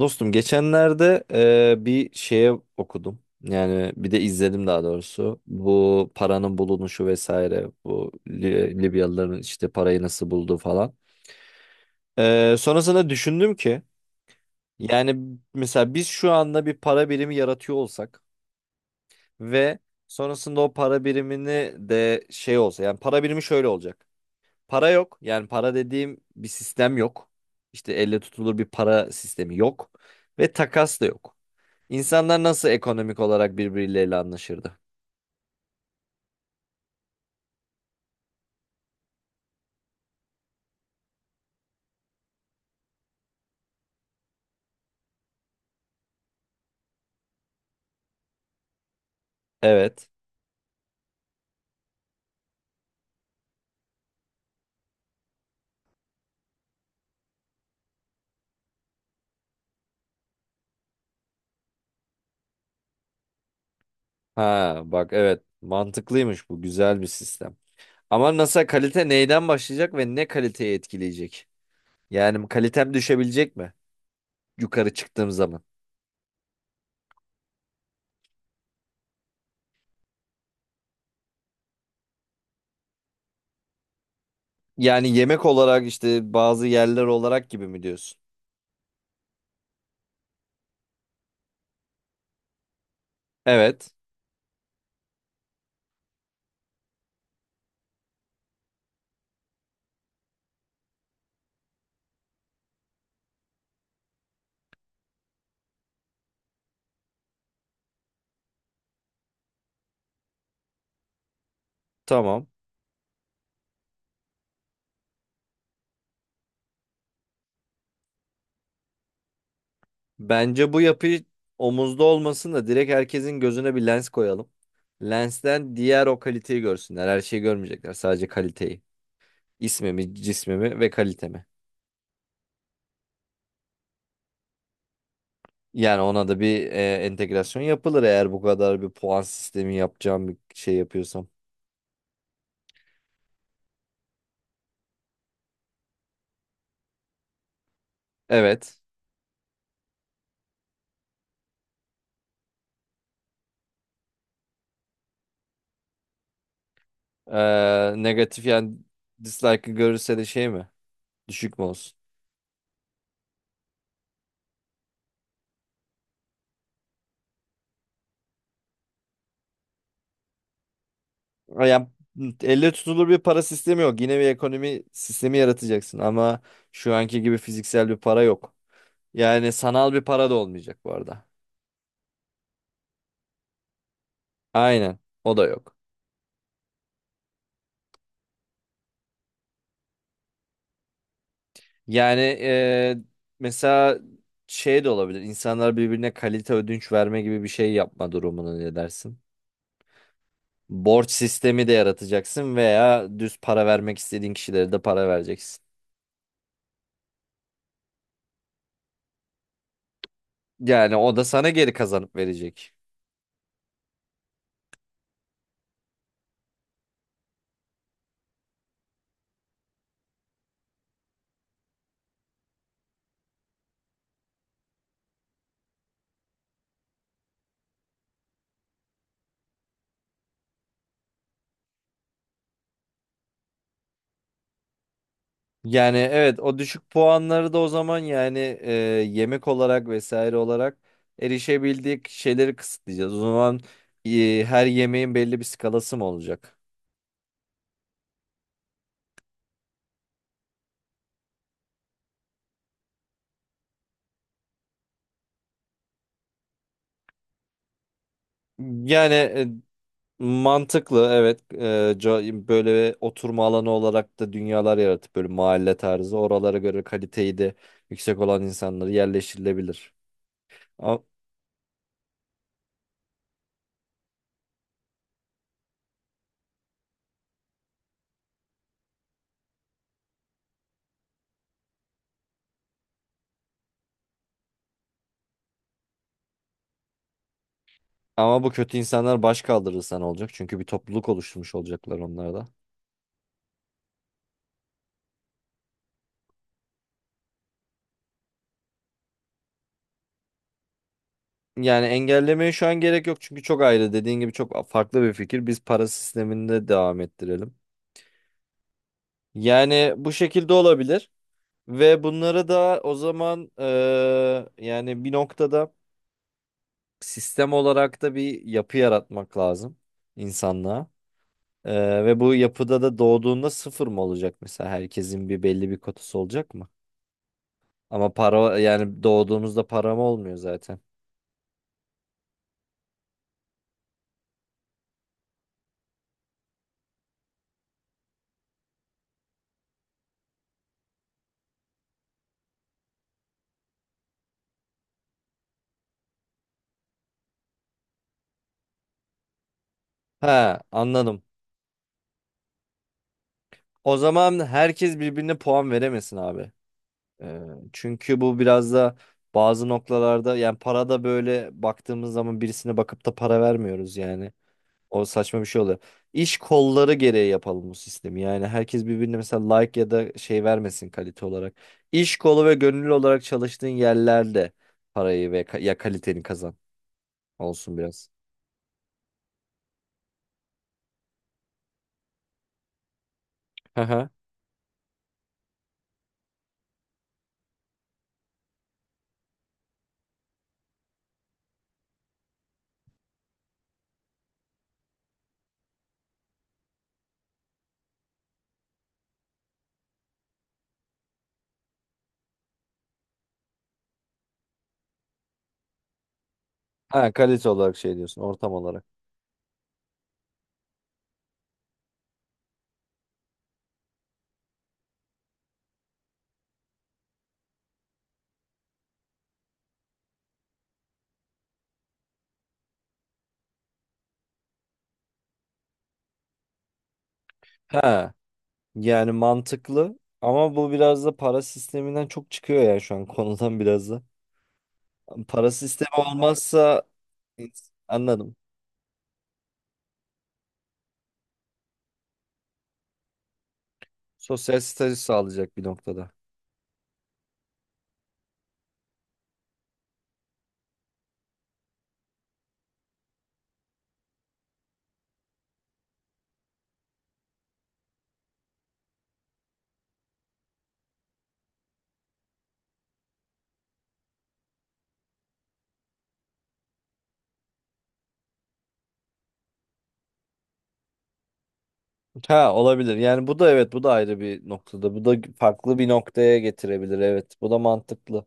Dostum geçenlerde bir şeye okudum. Yani bir de izledim daha doğrusu. Bu paranın bulunuşu vesaire. Bu Libyalıların işte parayı nasıl bulduğu falan. Sonrasında düşündüm ki yani mesela biz şu anda bir para birimi yaratıyor olsak ve sonrasında o para birimini de şey olsa yani para birimi şöyle olacak. Para yok. Yani para dediğim bir sistem yok. İşte elle tutulur bir para sistemi yok ve takas da yok. İnsanlar nasıl ekonomik olarak birbirleriyle anlaşırdı? Evet. Ha bak evet, mantıklıymış, bu güzel bir sistem. Ama nasıl, kalite neyden başlayacak ve ne kaliteyi etkileyecek? Yani kalitem düşebilecek mi yukarı çıktığım zaman? Yani yemek olarak, işte bazı yerler olarak gibi mi diyorsun? Evet, tamam. Bence bu yapı omuzda olmasın da direkt herkesin gözüne bir lens koyalım. Lensten diğer, o kaliteyi görsünler. Her şeyi görmeyecekler, sadece kaliteyi. İsmimi, cismimi ve kalitemi. Yani ona da bir entegrasyon yapılır, eğer bu kadar bir puan sistemi yapacağım bir şey yapıyorsam. Evet. Negatif yani, dislike'ı görürse de şey mi? Düşük mü olsun? Yani elle tutulur bir para sistemi yok. Yine bir ekonomi sistemi yaratacaksın ama şu anki gibi fiziksel bir para yok. Yani sanal bir para da olmayacak bu arada. Aynen. O da yok. Yani mesela şey de olabilir. İnsanlar birbirine kalite ödünç verme gibi bir şey yapma durumunu, ne dersin? Borç sistemi de yaratacaksın veya düz para vermek istediğin kişilere de para vereceksin. Yani o da sana geri kazanıp verecek. Yani evet, o düşük puanları da o zaman yani yemek olarak vesaire olarak erişebildik şeyleri kısıtlayacağız. O zaman her yemeğin belli bir skalası mı olacak? Yani mantıklı, evet. Böyle oturma alanı olarak da dünyalar yaratıp böyle mahalle tarzı oralara göre kaliteyi de yüksek olan insanları yerleştirilebilir. Ama, ama bu kötü insanlar baş kaldırırsa ne olacak? Çünkü bir topluluk oluşturmuş olacaklar onlar da. Yani engellemeye şu an gerek yok çünkü çok ayrı, dediğin gibi çok farklı bir fikir. Biz para sisteminde devam ettirelim. Yani bu şekilde olabilir ve bunları da o zaman yani bir noktada sistem olarak da bir yapı yaratmak lazım insanlığa. Ve bu yapıda da doğduğunda sıfır mı olacak mesela? Herkesin bir belli bir kotası olacak mı? Ama para, yani doğduğumuzda param olmuyor zaten. Ha, anladım. O zaman herkes birbirine puan veremesin abi. Ee, Çünkü bu biraz da bazı noktalarda, yani para da böyle baktığımız zaman birisine bakıp da para vermiyoruz yani. O saçma bir şey oluyor. İş kolları gereği yapalım bu sistemi. Yani herkes birbirine mesela like ya da şey vermesin kalite olarak. İş kolu ve gönüllü olarak çalıştığın yerlerde parayı ve kaliteni kazan olsun biraz. Hı hı. Ha, kalite olarak şey diyorsun, ortam olarak. Ha, yani mantıklı ama bu biraz da para sisteminden çok çıkıyor ya şu an konudan biraz da. Para sistemi olmazsa, anladım. Sosyal statü sağlayacak bir noktada. Ha, olabilir. Yani bu da evet, bu da ayrı bir noktada. Bu da farklı bir noktaya getirebilir. Evet, bu da mantıklı.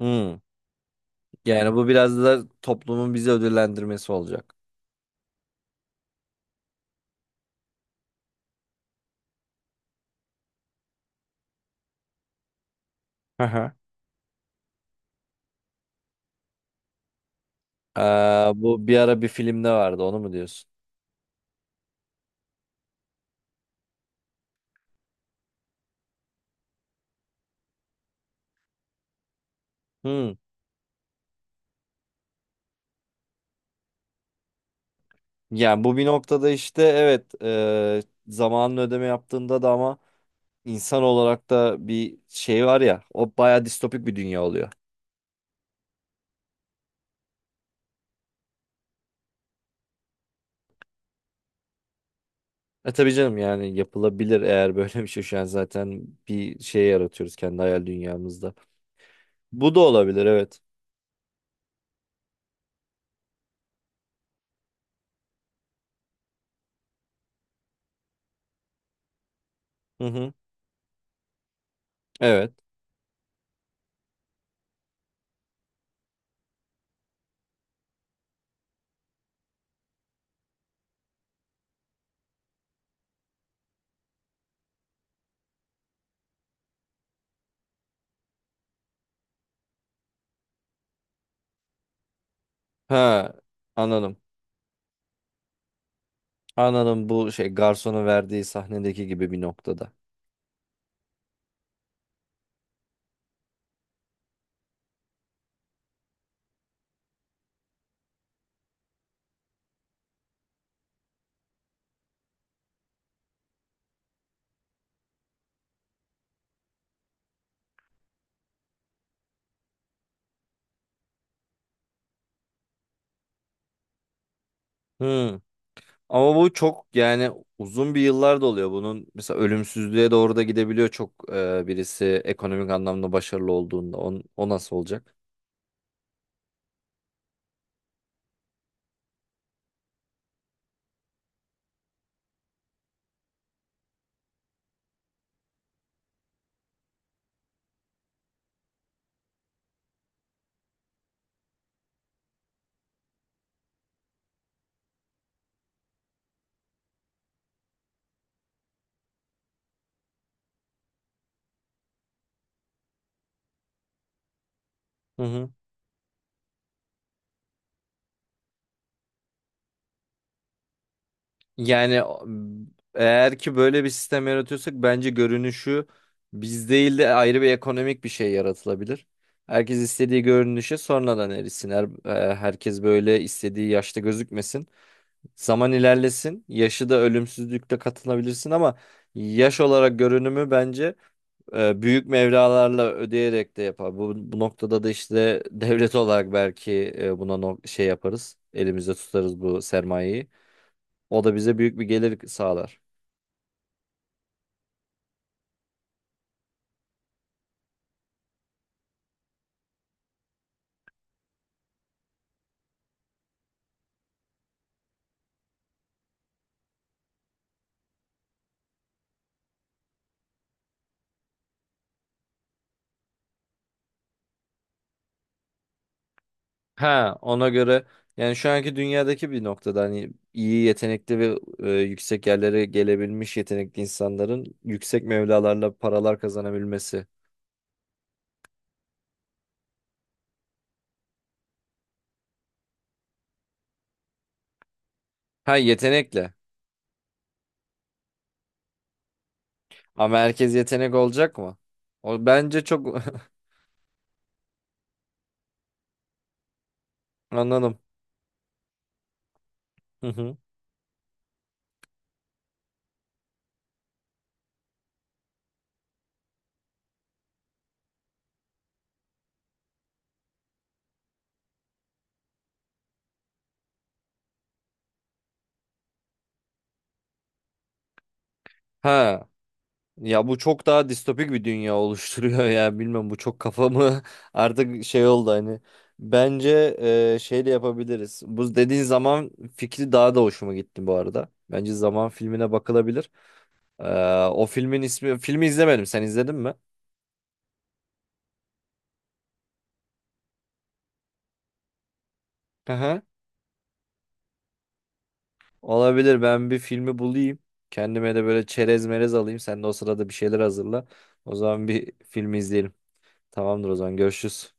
Hmm. Yani bu biraz da toplumun bizi ödüllendirmesi olacak. Hı hı. Ee, Bu bir ara bir filmde vardı, onu mu diyorsun? Hmm. Yani bu bir noktada işte evet, zamanın ödeme yaptığında da, ama insan olarak da bir şey var ya, o baya distopik bir dünya oluyor. E tabii canım, yani yapılabilir, eğer böyle bir şey şu an zaten bir şey yaratıyoruz kendi hayal dünyamızda. Bu da olabilir, evet. Hı hı. Evet. Ha, anladım. Anladım, bu şey, garsonun verdiği sahnedeki gibi bir noktada. Hı. Ama bu çok yani uzun bir yıllar da oluyor bunun. Mesela ölümsüzlüğe doğru da gidebiliyor çok, birisi ekonomik anlamda başarılı olduğunda. O nasıl olacak? Hı hı. Yani eğer ki böyle bir sistem yaratıyorsak bence görünüşü biz değil de ayrı bir ekonomik bir şey yaratılabilir. Herkes istediği görünüşe sonradan erisin. Herkes böyle istediği yaşta gözükmesin. Zaman ilerlesin. Yaşı da ölümsüzlükle katılabilirsin ama yaş olarak görünümü bence büyük mevralarla ödeyerek de yapar. Bu noktada da işte devlet olarak belki buna şey yaparız. Elimizde tutarız bu sermayeyi. O da bize büyük bir gelir sağlar. Ha, ona göre yani şu anki dünyadaki bir noktada hani iyi yetenekli ve yüksek yerlere gelebilmiş yetenekli insanların yüksek mevlalarla paralar kazanabilmesi. Ha, yetenekle. Ama herkes yetenek olacak mı? O bence çok anladım. Hı hı. Ha. Ya bu çok daha distopik bir dünya oluşturuyor ya, bilmem bu çok kafamı artık şey oldu hani. Bence şeyle yapabiliriz. Bu dediğin zaman fikri daha da hoşuma gitti bu arada. Bence zaman filmine bakılabilir. O filmin ismi, filmi izlemedim. Sen izledin mi? Aha. Olabilir, ben bir filmi bulayım. Kendime de böyle çerez merez alayım. Sen de o sırada bir şeyler hazırla. O zaman bir filmi izleyelim. Tamamdır, o zaman görüşürüz.